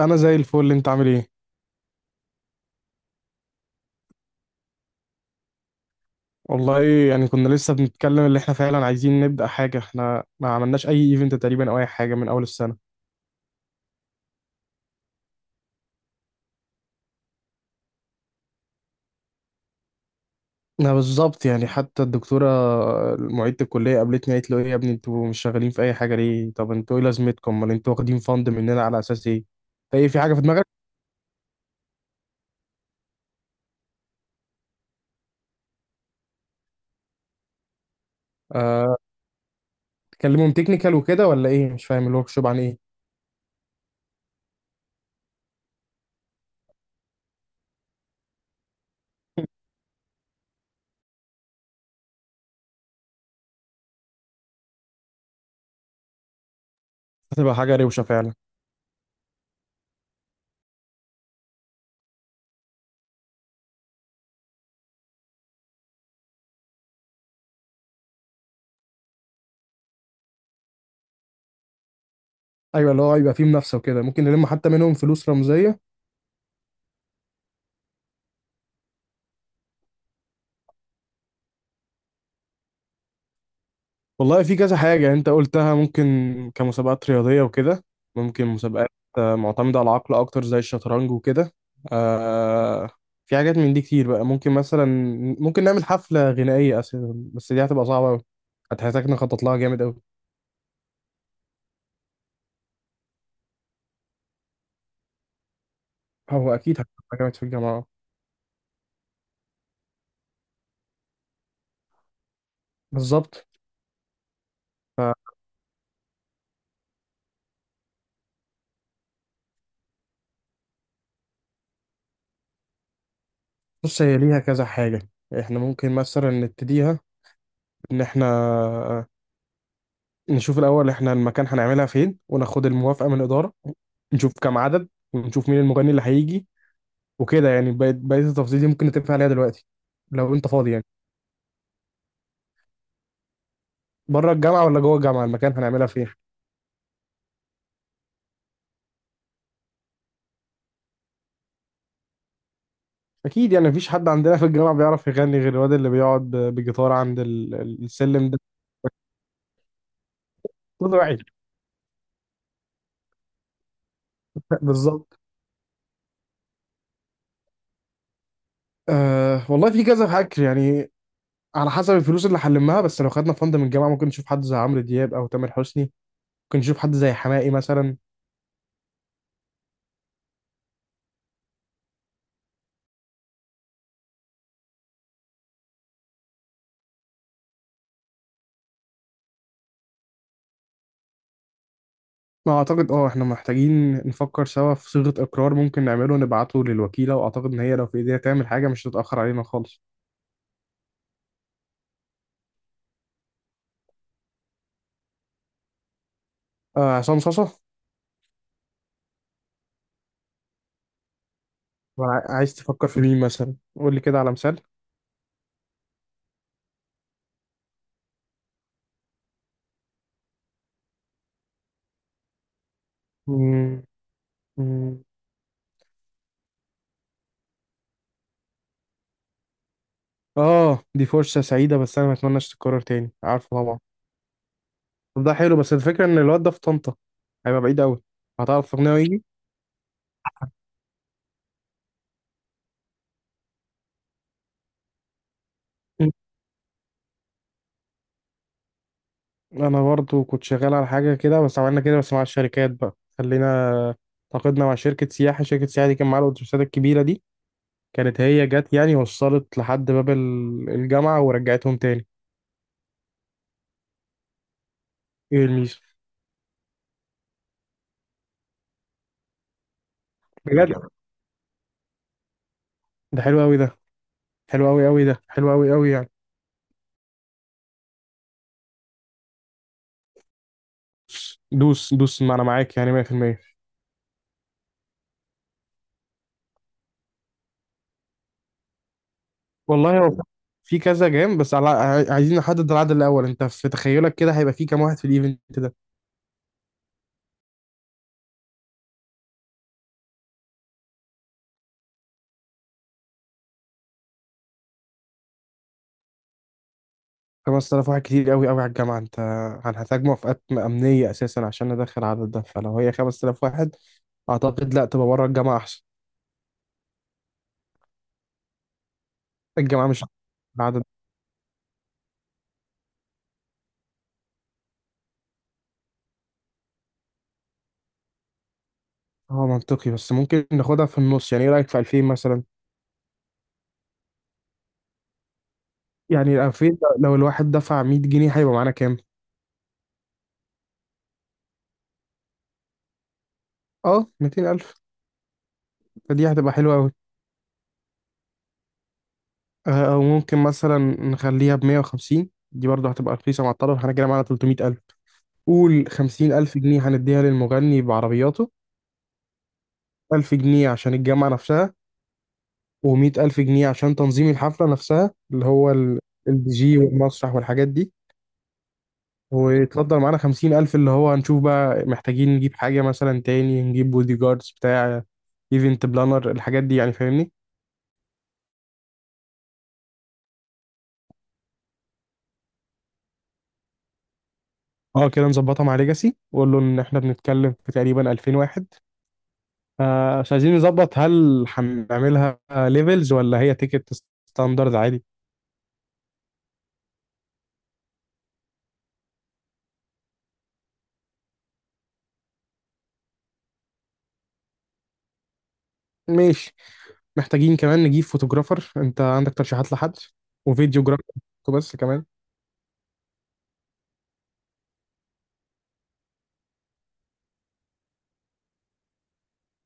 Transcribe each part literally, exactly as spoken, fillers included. انا زي الفل، انت عامل ايه؟ والله يعني كنا لسه بنتكلم اللي احنا فعلا عايزين نبدا حاجه، احنا ما عملناش اي ايفنت تقريبا او اي حاجه من اول السنه. انا بالظبط، يعني حتى الدكتوره معيده الكليه قابلتني قالت له ايه يا ابني، انتوا مش شغالين في اي حاجه ليه؟ طب انتوا ايه لازمتكم، امال انتوا واخدين فند مننا على اساس ايه؟ فايه، في حاجه في دماغك؟ آه، تكلمهم تكنيكال وكده ولا ايه؟ مش فاهم الورك شوب عن ايه. هتبقى حاجه روشه فعلا. ايوه، اللي هو يبقى فيه منافسه وكده، ممكن نلم حتى منهم فلوس رمزيه. والله في كذا حاجة يعني، انت قلتها ممكن كمسابقات رياضية وكده. ممكن مسابقات آه، معتمدة على العقل اكتر زي الشطرنج وكده. آه، في حاجات من دي كتير بقى، ممكن مثلا ممكن نعمل حفلة غنائية أساسا، بس دي هتبقى صعبة أوي، هتحتاج نخطط لها جامد أوي. هو أكيد هتبقى جامد في الجامعة. بالظبط، فبص هي ليها كذا حاجة، احنا ممكن مثلا نبتديها إن احنا نشوف الأول إحنا المكان هنعملها فين وناخد الموافقة من الإدارة، نشوف كام عدد، ونشوف مين المغني اللي هيجي، وكده يعني بقية بقية التفاصيل دي ممكن نتفق عليها دلوقتي لو أنت فاضي يعني. بره الجامعة ولا جوه الجامعة المكان هنعملها فين؟ أكيد يعني مفيش حد عندنا في الجامعة بيعرف يغني غير الواد اللي بيقعد ب- بجيتار عند ال- ال- السلم ده. طلع بالظبط. أه والله في كذا فكر يعني على حسب الفلوس اللي هنلمها، بس لو خدنا فند من الجامعة ممكن نشوف حد زي عمرو دياب أو تامر حسني، ممكن نشوف حد زي حماقي مثلا. ما اعتقد، اه احنا محتاجين نفكر سوا في صيغة اقرار ممكن نعمله نبعته للوكيلة، واعتقد ان هي لو في ايديها تعمل حاجة مش هتتأخر علينا خالص. آه، عصام صاصا. ولا عاي- عايز تفكر في مين مثلا؟ قول لي كده على مثال. مم، مم. اه دي فرصة سعيدة، بس انا ما اتمناش تتكرر تاني، عارفه طبعا. طب ده حلو، بس الفكرة ان الواد ده في طنطا، هيبقى بعيد قوي، هتعرف تقنعه يجي؟ مم. انا برضو كنت شغال على حاجة كده، بس عملنا كده بس مع الشركات بقى، خلينا تعاقدنا مع شركة سياحة، شركة سياحة دي كان معاها الأتوبيسات الكبيرة دي، كانت هي جت يعني وصلت لحد باب ال- الجامعة ورجعتهم تاني. ايه الميزة؟ بجد؟ ده حلو قوي ده، حلو قوي قوي، ده حلو قوي قوي يعني. دوس دوس، ما انا معاك يعني مية في المية. والله هو في كذا جيم، بس على عاي- عايزين نحدد العدد الاول، انت في تخيلك كده هيبقى في كام واحد في الايفنت ده؟ خمسة آلاف واحد كتير قوي قوي على الجامعة انت، هنحتاج موافقات امنية اساسا عشان ندخل العدد ده، فلو هي خمس آلاف واحد اعتقد لا، تبقى بره الجامعة احسن. الجامعة مش، العدد هو منطقي، بس ممكن ناخدها في النص يعني، ايه رأيك في ألفين مثلا؟ يعني ألفين لو الواحد دفع مية جنيه هيبقى معانا كام؟ اه ميتين ألف، فدي هتبقى حلوة قوي. او ممكن مثلا نخليها ب مية وخمسين، دي برضه هتبقى رخيصة مع الطرف، احنا كده معانا تلتمية ألف. قول خمسين ألف جنيه هنديها للمغني بعربياته، ألف جنيه عشان الجامعة نفسها، ومائة ألف جنيه عشان تنظيم الحفلة نفسها اللي هو ال- الدي جي والمسرح والحاجات دي. ويتفضل معانا خمسين ألف اللي هو هنشوف بقى محتاجين نجيب حاجة مثلا تاني، نجيب بودي جاردز، بتاع ايفنت بلانر، الحاجات دي يعني فاهمني. اه كده نظبطها مع ليجاسي، وقول له ان احنا بنتكلم في تقريبا ألفين واحد. آه، مش عايزين نظبط هل هنعملها ليفلز ولا هي تيكت ستاندرد عادي؟ ماشي. محتاجين كمان نجيب فوتوجرافر، انت عندك ترشيحات لحد؟ وفيديو جرافر بس كمان.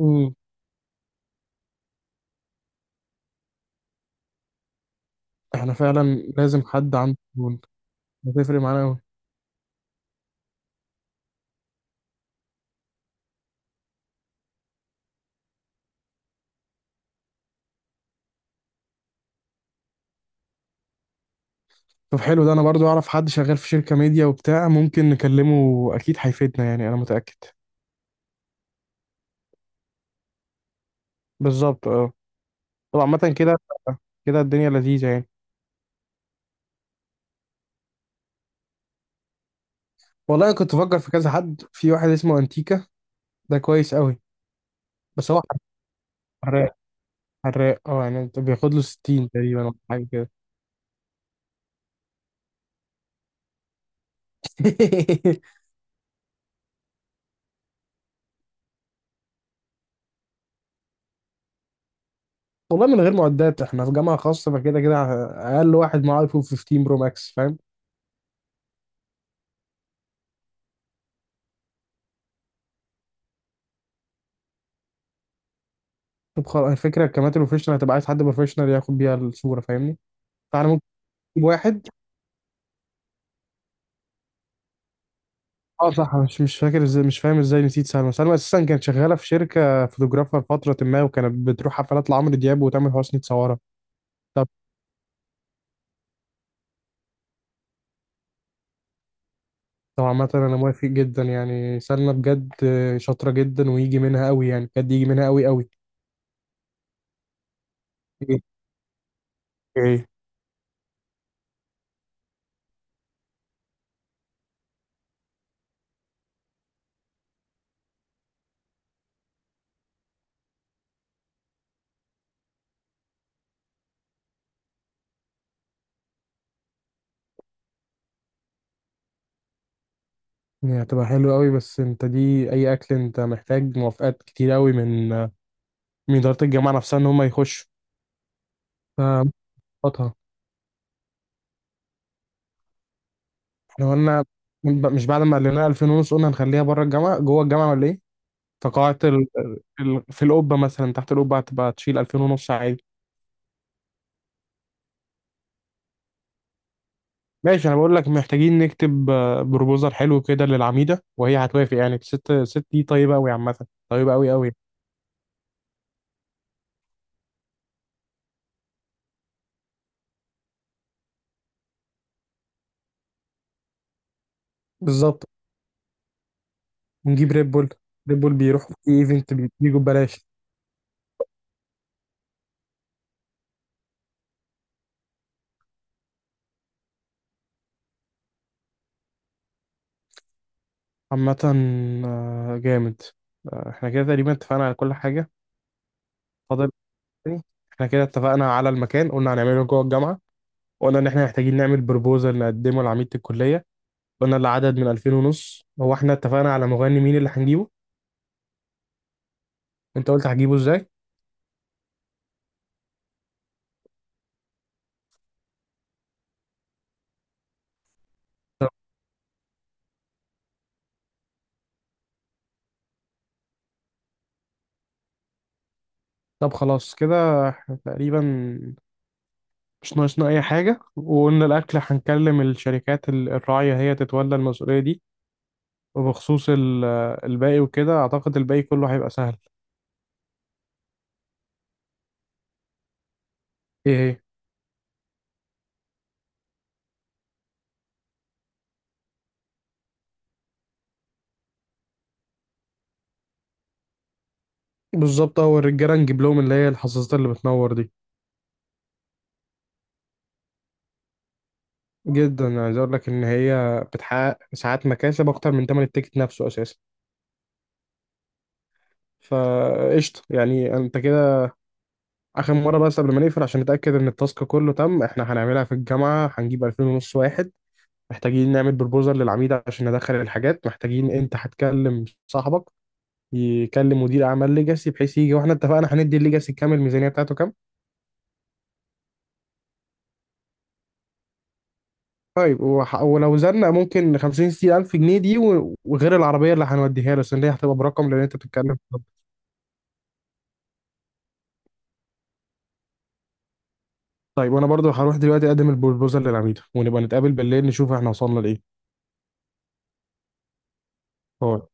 مم. احنا فعلا لازم حد عنده فنون، هتفرق معانا أوي. طب حلو ده، انا برضو اعرف حد شغال في شركة ميديا وبتاع، ممكن نكلمه اكيد هيفيدنا يعني، انا متأكد. بالظبط اه. طب عامة كده كده الدنيا لذيذة يعني. والله انا كنت بفكر في كذا حد، في واحد اسمه انتيكا، ده كويس قوي، بس هو حراق، حراق اه، يعني انت بياخد له ستين تقريبا ولا حاجة كده. والله من غير معدات، احنا في جامعة خاصة فكده كده اقل واحد معاه ايفون خمستاشر برو ماكس فاهم. طب خلاص، الفكرة الكاميرا البروفيشنال هتبقى عايز حد بروفيشنال ياخد بيها الصورة فاهمني، فاحنا ممكن نجيب واحد. اه صح، أنا مش مش فاكر ازاي، مش فاهم ازاي نسيت سلمى. سلمى اساسا كانت شغاله في شركه فوتوغرافر فتره ما، وكانت بتروح حفلات لعمرو دياب وتامر حسني تصورها. طب طبعا مثلا انا موافق جدا يعني، سلمى بجد شاطره جدا، ويجي منها قوي يعني، بجد يجي منها قوي قوي. ايه؟ ايه؟ يعني هتبقى حلوه قوي، بس انت دي اي اكل، انت محتاج موافقات كتير قوي من من اداره الجامعه نفسها ان هم يخشوا، فمظبطها. احنا قلنا، مش بعد ما قال لنا ألفين ونص قلنا هنخليها بره الجامعه، جوه الجامعه ولا ايه؟ فقاعة ال... ال... في القبة مثلا، تحت القبة هتبقى تشيل ألفين ونص عادي. ماشي، انا بقول لك محتاجين نكتب آه، بروبوزال حلو كده للعميدة، وهي هتوافق يعني، الست الست دي طيبة قوي عامة، طيبة قوي قوي. بالظبط. ونجيب ريد بول، ريد بول بيروحوا في ايفنت، بيجوا ببلاش. عامة آه، جامد. آه، احنا كده تقريبا اتفقنا على كل حاجة. فاضل تاني، احنا كده اتفقنا على المكان، قلنا هنعمله جوه الجامعة، قلنا ان احنا محتاجين نعمل بروبوزال نقدمه لعميدة الكلية، قلنا العدد من ألفين ونص، هو احنا اتفقنا على مغني مين اللي هنجيبه؟ انت قلت هجيبه ازاي؟ طب خلاص كده احنا تقريبا مش ناقصنا اي حاجة، وقلنا الاكل هنكلم الشركات ال- الراعية هي تتولى المسؤولية دي. وبخصوص ال- الباقي وكده اعتقد الباقي كله هيبقى سهل. ايه هي؟ بالظبط، هو الرجالة نجيب لهم اللي هي الحظاظات اللي بتنور دي. جدا، عايز اقول لك ان هي بتحقق ساعات مكاسب اكتر من تمن التيكت نفسه اساسا. فقشطة يعني انت كده. اخر مره بس قبل ما نقفل عشان نتاكد ان التاسك كله تم، احنا هنعملها في الجامعه، هنجيب ألفين ونص واحد، محتاجين نعمل بروبوزال للعميد عشان ندخل الحاجات، محتاجين انت هتكلم صاحبك يكلم مدير اعمال ليجاسي بحيث يجي، واحنا اتفقنا هندي الليجاسي كام الميزانيه بتاعته كام. طيب وح- ولو زلنا ممكن خمسين ستين الف جنيه دي و- وغير العربيه اللي هنوديها له، عشان دي هتبقى برقم، لان انت بتتكلم في الرقم. طيب وانا برضو هروح دلوقتي اقدم البروبوزال للعميد، ونبقى نتقابل بالليل نشوف احنا وصلنا لايه. باي.